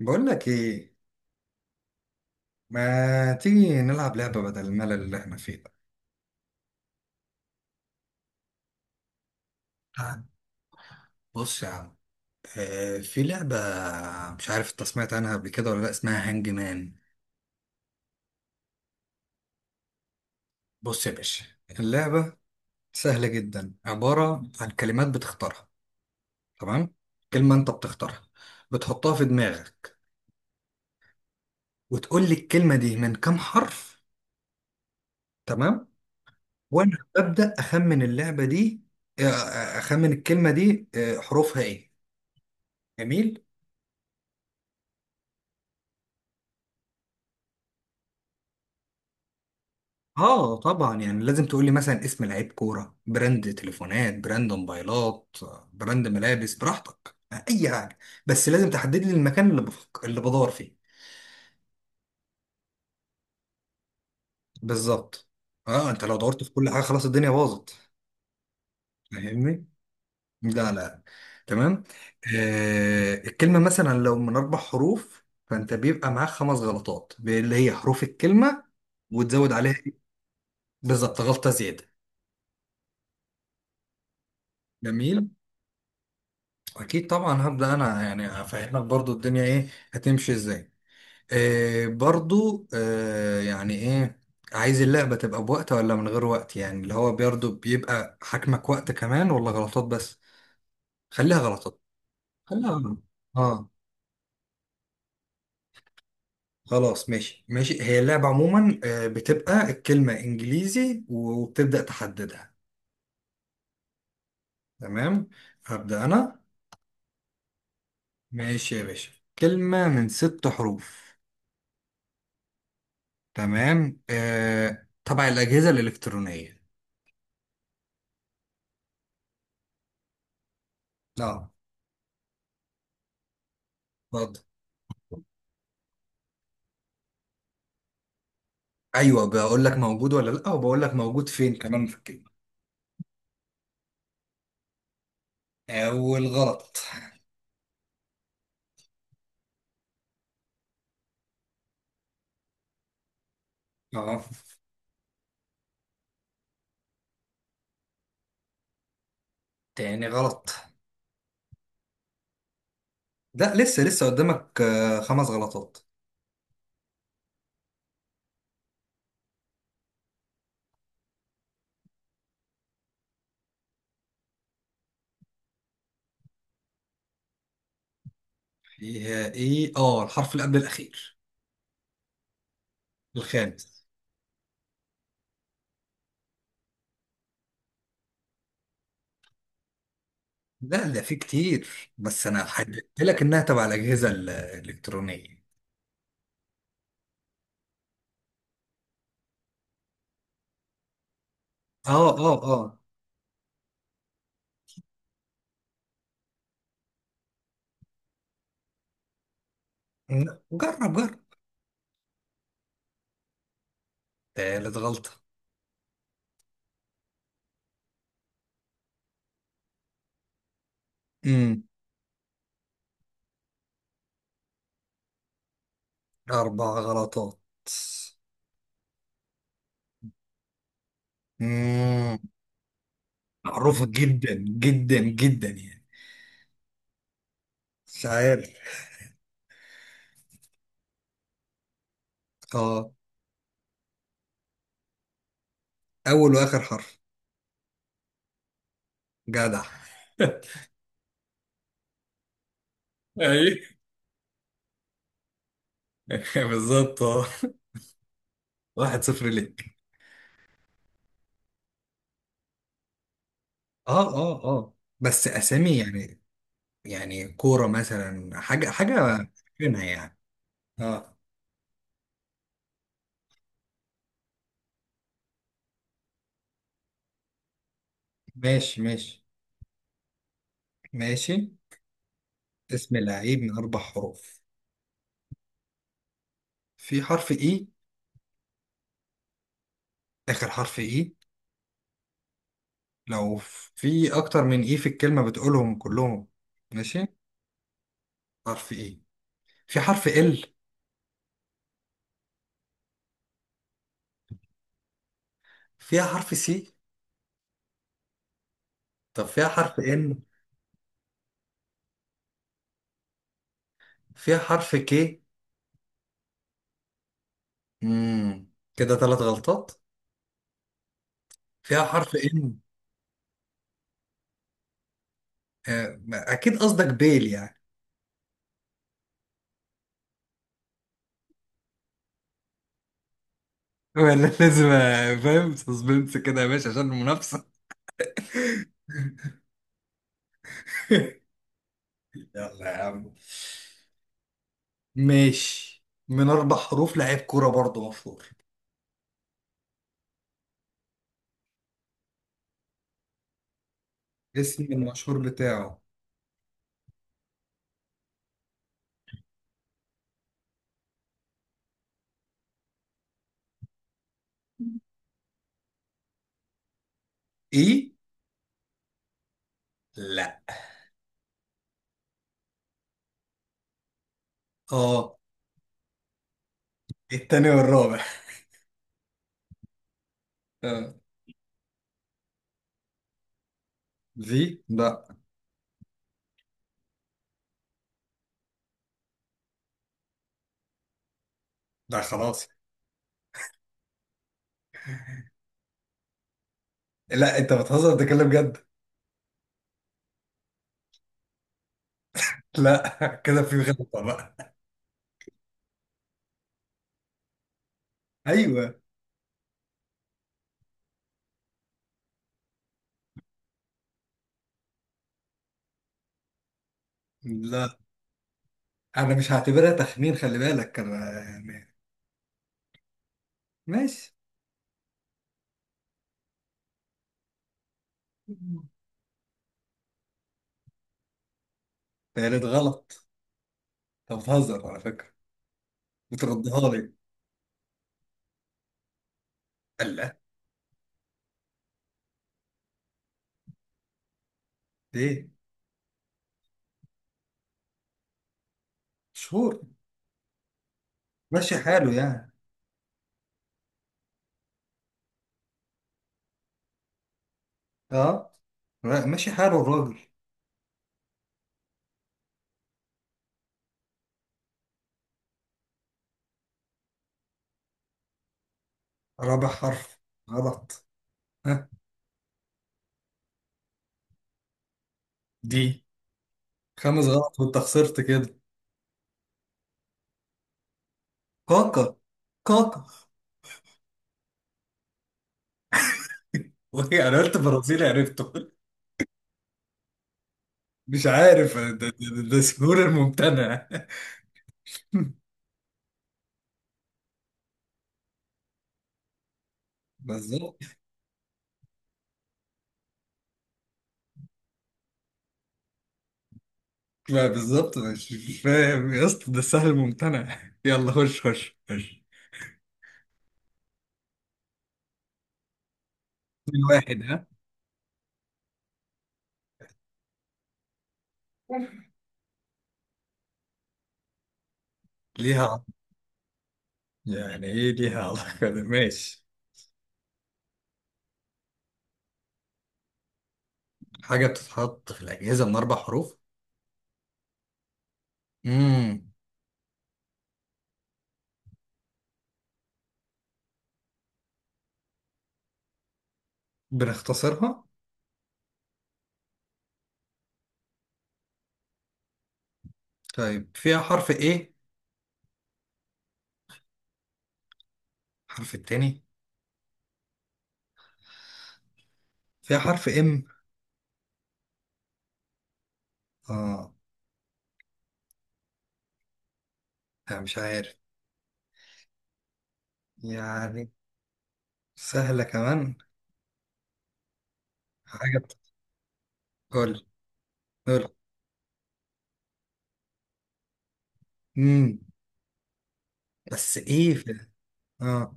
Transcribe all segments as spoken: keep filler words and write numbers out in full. بقول لك ايه؟ ما تيجي نلعب لعبة بدل الملل اللي احنا فيه ده؟ تعال. بص يا عم. آه في لعبة، مش عارف انت سمعت عنها قبل كده ولا لا، اسمها هانج مان. بص يا باشا، اللعبة سهلة جدا، عبارة عن كلمات بتختارها. تمام. كلمة انت بتختارها، بتحطها في دماغك، وتقول لي الكلمة دي من كام حرف. تمام. وانا ببدأ اخمن اللعبة دي. آه، آه، اخمن الكلمة دي آه، حروفها ايه. جميل. اه طبعا، يعني لازم تقولي مثلا اسم لعيب كورة، براند تليفونات، براند موبايلات، براند ملابس، براحتك، اي حاجة. بس لازم تحدد لي المكان اللي بفك... اللي بدور فيه. بالظبط. اه انت لو دورت في كل حاجة خلاص الدنيا باظت. فاهمني. لا لا. تمام. آه الكلمة مثلا لو من اربع حروف، فانت بيبقى معاك خمس غلطات اللي هي حروف الكلمة، وتزود عليها إيه؟ بالظبط، غلطة زيادة. جميل. اكيد طبعا، هبدا انا يعني افهمك برضو الدنيا ايه هتمشي ازاي. إيه برضو إيه يعني ايه. عايز اللعبه تبقى بوقت ولا من غير وقت؟ يعني اللي هو برضو بيبقى حكمك وقت كمان ولا غلطات بس. خليها غلطات. خليها غلطات. اه. خلاص، ماشي ماشي، هي اللعبه عموما آه، بتبقى الكلمه انجليزي وبتبدا تحددها. تمام. هبدا انا. ماشي يا باشا، كلمه من ست حروف. تمام. آه طبعا الأجهزة الإلكترونية. اه. اتفضل. أيوه، بقول لك موجود ولا لأ، وبقول لك موجود فين كمان في الكلمة. أول غلط. أه. تاني غلط. لا لسه لسه قدامك آه خمس غلطات. فيها إيه؟ أه، الحرف اللي قبل الأخير. الخامس. لا ده في كتير، بس أنا حددت لك إنها تبع الأجهزة الإلكترونية. أه أه أه. جرب جرب. تالت غلطة. امم. أربع غلطات. مم. معروفة جدا جدا جدا يعني. مش عارف. اه. أول وآخر حرف. جدع. اي. بالظبط، اه. واحد صفر ليك. اه اه اه. بس أسامي يعني، يعني كورة مثلا، حاجة حاجة فينها يعني. اه. ماشي ماشي ماشي. اسم لعيب من أربع حروف. في حرف إي. آخر حرف إي. لو في أكتر من إي في الكلمة بتقولهم كلهم. ماشي. حرف إي. في حرف ال. فيها حرف سي. طب فيها حرف ان. فيها حرف كي. امم كده ثلاث غلطات. فيها حرف ان. آه ما- اكيد قصدك بيل يعني. ولا لازم، آه، فاهم سسبنس كده يا باشا عشان المنافسة. يلا يا عم. ماشي، من اربع حروف لعيب كورة برضه مشهور. اسم المشهور بتاعه. اي. لا. اه. التاني والرابع. اه. في. لا. لا خلاص. لا، انت بتهزر ده كلام جد. لا. كده في غلطة بقى. ايوه. لا، انا مش هعتبرها تخمين، خلي بالك انا يعني. ماشي. تالت غلط. انت بتهزر على فكرة، بتردها لي. لا. ليه؟ شهور. ماشي حاله يعني. اه. لا، ماشي حاله الراجل. رابع حرف. غلط. ها. دي. خامس غلط وانت خسرت كده. كاكا. كاكا. وهي انا قلت برازيلي عرفته. مش عارف، ده, ده, ده, ده سهول الممتنع. بالظبط. ما بالظبط، مش مش فاهم يا اسطى، ده سهل ممتنع. يلا، خش خش خش. اتنين واحد ها. ليها علاقة- يعني ايه ليها علاقة؟ ده ماشي. حاجة بتتحط في الأجهزة من أربع حروف. امم. بنختصرها. طيب، فيها حرف ايه؟ حرف التاني. فيها حرف ام. اه. لا مش عارف، يعني، سهلة كمان. حاجة بت- قول. قول. امم. بس ايه في. اه.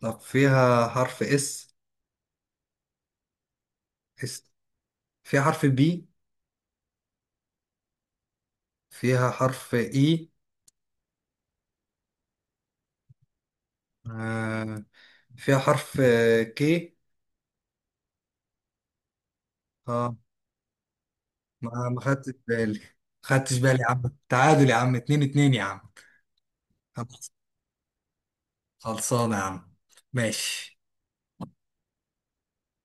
طب فيها حرف اس. اس. فيها حرف بي. فيها حرف اي. آه. فيها حرف كي. اه. ما ما خدتش بالي، ما خدتش بالي يا عم. تعادل يا عم، اتنين اتنين يا عم. خلص- خلصانة يا عم. ماشي.